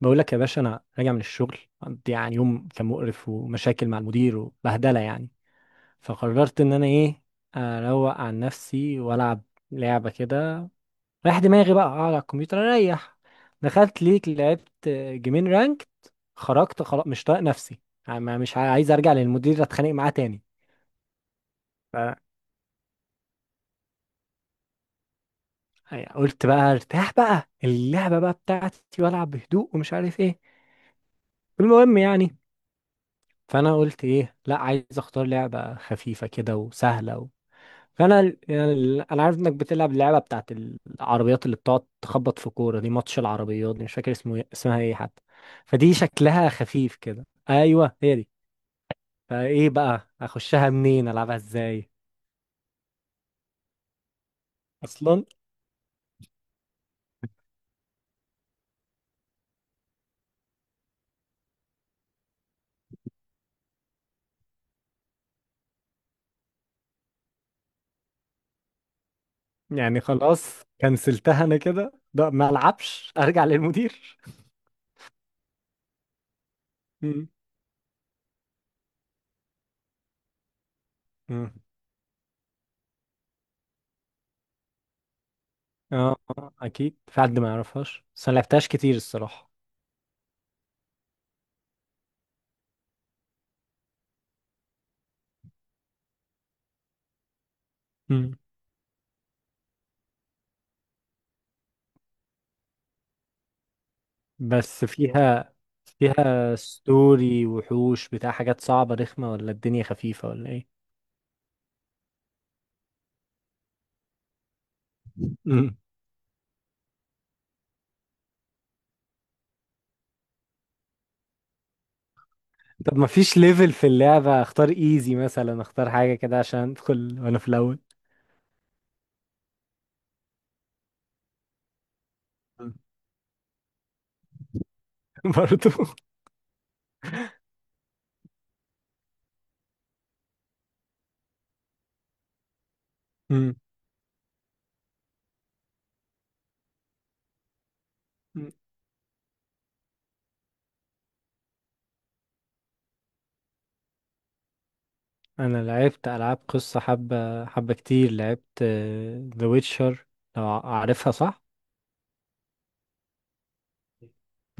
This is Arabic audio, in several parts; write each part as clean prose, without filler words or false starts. بقول لك يا باشا، انا راجع من الشغل، عندي يعني يوم كان مقرف ومشاكل مع المدير وبهدله يعني. فقررت ان انا ايه، اروق عن نفسي والعب لعبه كده، رايح دماغي بقى اقعد على الكمبيوتر اريح. دخلت ليك لعبت جيمين رانك، خرجت خلاص مش طايق نفسي، يعني مش عايز ارجع للمدير اتخانق معاه تاني. ف- قلت بقى ارتاح بقى اللعبه بقى بتاعتي والعب بهدوء ومش عارف ايه المهم يعني. فانا قلت ايه، لا عايز اختار لعبه خفيفه كده وسهله. فانا انا عارف انك بتلعب اللعبه بتاعت العربيات اللي بتقعد تخبط في كوره دي، ماتش العربيات دي، مش فاكر اسمها ايه حتى. فدي شكلها خفيف كده، ايوه هي دي. فايه بقى اخشها منين العبها ازاي؟ اصلا يعني. خلاص كنسلتها انا كده، ده ما العبش ارجع للمدير. مم. مم. اه، آه، اكيد في حد ما يعرفهاش بس انا لعبتهاش كتير الصراحه. بس فيها ستوري وحوش بتاع حاجات صعبة رخمة، ولا الدنيا خفيفة ولا ايه؟ مم. طب ما فيش ليفل في اللعبة، اختار ايزي مثلا، اختار حاجة كده عشان ادخل وانا في الاول. مم. برضو. مم. مم. انا لعبت العاب قصة حبة حبة كتير، لعبت ذا ويتشر لو عارفها صح.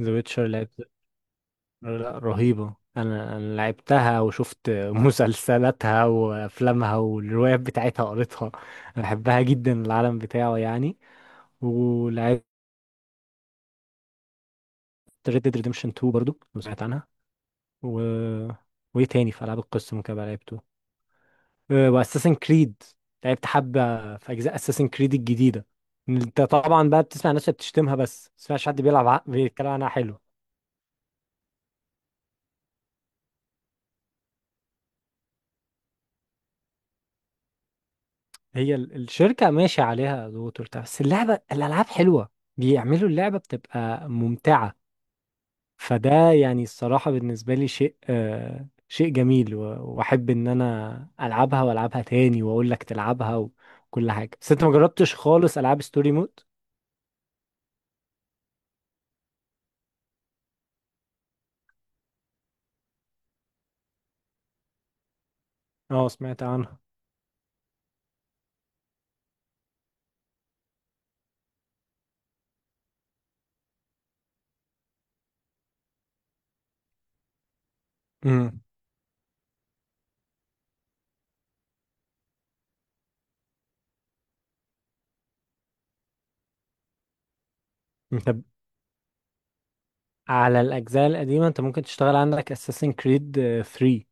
ذا ويتشر لعبت، لا رهيبة، أنا لعبتها وشفت مسلسلاتها وأفلامها والروايات بتاعتها قريتها، أنا بحبها جدا العالم بتاعه يعني. ولعبت Red Dead Redemption 2 برضو لو سمعت عنها و... وإيه تاني في ألعاب القصة ممكن أبقى لعبته؟ أه، وأساسن كريد، لعبت حبة في أجزاء أساسن كريد الجديدة. أنت طبعا بقى بتسمع الناس اللي بتشتمها بس ما تسمعش حد بيلعب بيتكلم عنها حلو. هي الشركة ماشية عليها ضغوط وبتاع، بس اللعبة الألعاب حلوة، بيعملوا اللعبة بتبقى ممتعة. فده يعني الصراحة بالنسبة لي شيء جميل، وأحب إن أنا ألعبها وألعبها تاني وأقول لك تلعبها وكل حاجة. بس أنت ما جربتش خالص ألعاب ستوري مود؟ أه، سمعت عنها. امم. أنت على الأجزاء القديمة، أنت ممكن تشتغل عندك أساسن كريد 3،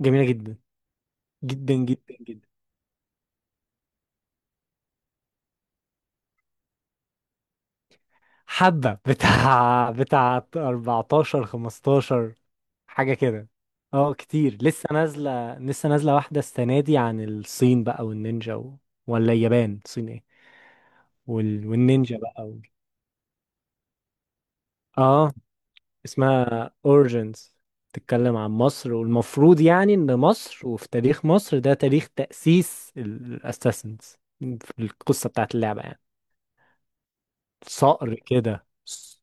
جميلة جدا جدا جدا جدا. حبة بتاع 14 15 حاجة كده. اه، كتير لسه نازلة لسه نازلة، واحدة السنة دي عن الصين بقى والنينجا. ولا اليابان، الصين، ايه؟ والنينجا بقى. اه، اسمها اوريجينز، تتكلم عن مصر، والمفروض يعني ان مصر، وفي تاريخ مصر ده تاريخ تأسيس الاساسنز في القصة بتاعت اللعبة يعني. صقر كده.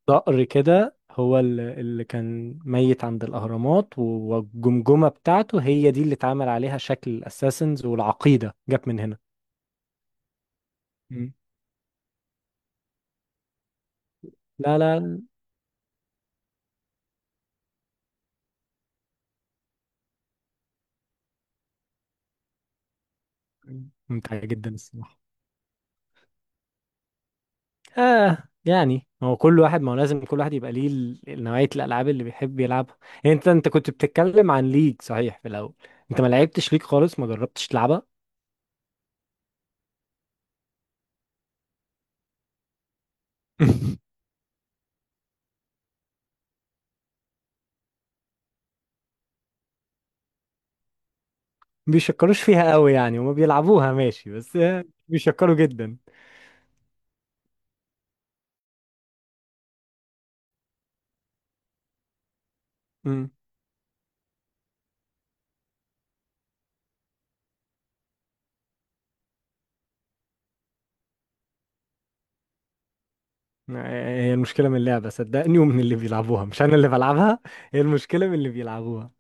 صقر كده هو اللي كان ميت عند الأهرامات، والجمجمة بتاعته هي دي اللي اتعمل عليها شكل الأساسنز، والعقيدة جت من هنا. مم. لا لا، ممتع جدا الصراحة. آه يعني هو كل واحد، ما هو لازم كل واحد يبقى ليه نوعية الألعاب اللي بيحب يلعبها. يعني انت كنت بتتكلم عن ليج، صحيح في الأول؟ انت ما لعبتش ليج خالص، ما جربتش تلعبها. بيشكروش فيها قوي يعني، وما بيلعبوها ماشي، بس بيشكروا جدا. هي المشكلة من اللعبة صدقني، ومن اللي بيلعبوها، مش أنا اللي بلعبها، هي المشكلة من اللي بيلعبوها.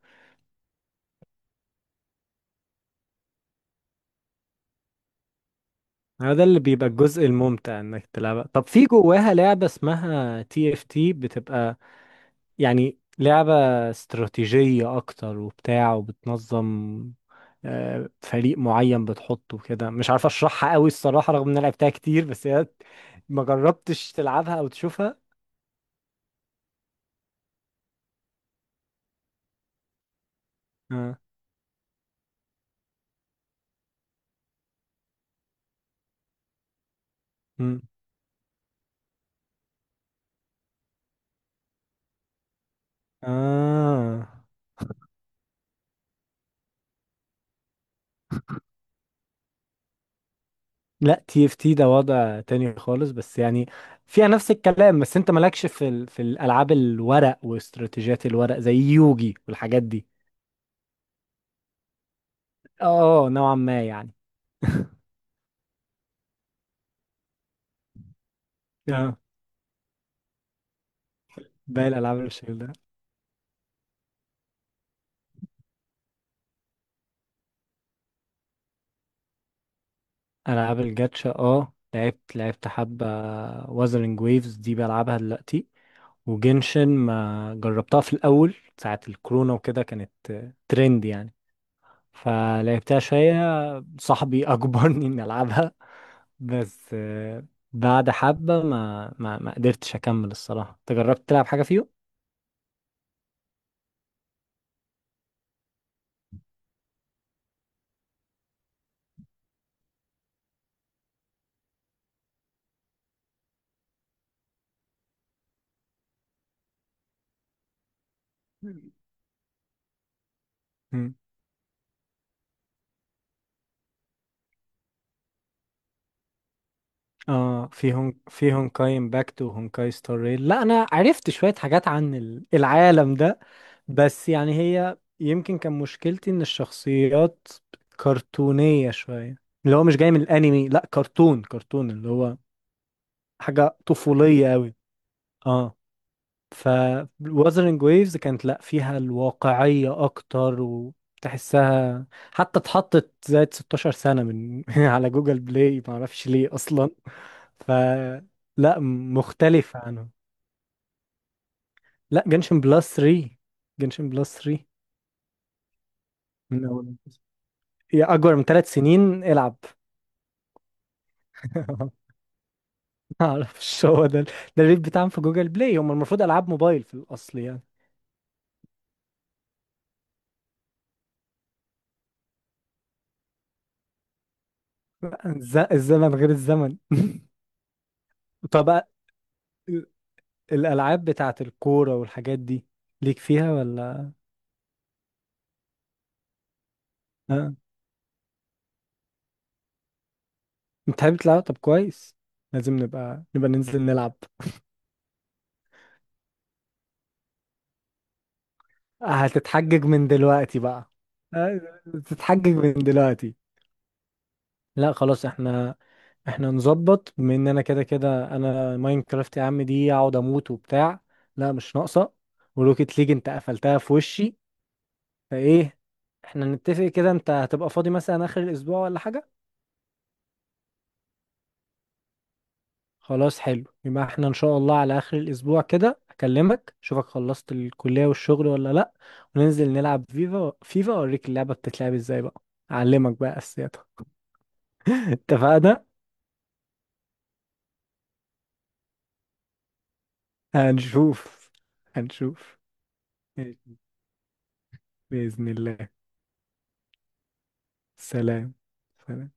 هو ده اللي بيبقى الجزء الممتع إنك تلعبها. طب في جواها لعبة اسمها تي اف تي، بتبقى يعني لعبة استراتيجية أكتر وبتاع، وبتنظم فريق معين بتحطه كده، مش عارف أشرحها قوي الصراحة رغم إن أنا لعبتها كتير، بس هي، ما جربتش تلعبها أو تشوفها؟ آه. مم. آه لا، تي اف تي ده وضع تاني خالص، بس يعني فيها نفس الكلام، بس انت مالكش في الالعاب الورق واستراتيجيات الورق زي يوجي والحاجات دي. اه، نوعا ما يعني. اه، باقي الالعاب اللي بالشكل ده، العاب الجاتشا، اه، لعبت حبة، وازرنج ويفز دي بلعبها دلوقتي، وجنشن ما جربتها، في الاول ساعة الكورونا وكده كانت ترند يعني، فلعبتها شوية، صاحبي اجبرني اني العبها، بس بعد حبة ما قدرتش أكمل الصراحة. أنت جربت تلعب حاجة فيهم؟ مم. اه، في هونكاي امباكت وهونكاي ستار ريل، لا انا عرفت شوية حاجات عن العالم ده، بس يعني هي يمكن كان مشكلتي ان الشخصيات كرتونية شوية، اللي هو مش جاي من الانمي، لا كرتون كرتون اللي هو حاجة طفولية قوي. اه. ف Wuthering Waves كانت، لا فيها الواقعية أكتر، وتحسها حتى اتحطت زائد 16 سنة من على جوجل بلاي، معرفش ليه أصلا. ف لا مختلفة عنه. لا، جنشن بلس 3. جنشن بلس 3 من أول، يا أكبر من 3 سنين العب. معرفش، هو ده الريت بتاعهم في جوجل بلاي، هم المفروض ألعاب موبايل في الأصل يعني. لا، الزمن غير الزمن. طب، الألعاب بتاعة الكورة والحاجات دي، ليك فيها ولا؟ اه، بتحب تلعب؟ طب كويس، لازم نبقى ننزل نلعب. هتتحجج من دلوقتي بقى؟ آه، تتحجج من دلوقتي؟ لا خلاص، احنا نظبط، بما ان انا كده كده، انا ماينكرافت يا عم دي اقعد اموت وبتاع، لا مش ناقصة، وروكيت ليج انت قفلتها في وشي، فايه؟ احنا نتفق كده، انت هتبقى فاضي مثلا اخر الاسبوع ولا حاجة؟ خلاص حلو، يبقى احنا ان شاء الله على اخر الاسبوع كده اكلمك، اشوفك خلصت الكلية والشغل ولا لا، وننزل نلعب فيفا. فيفا اوريك اللعبة بتتلعب ازاي بقى، اعلمك بقى اساسياتها. اتفقنا. هنشوف هنشوف. ماشي. بإذن الله. سلام سلام.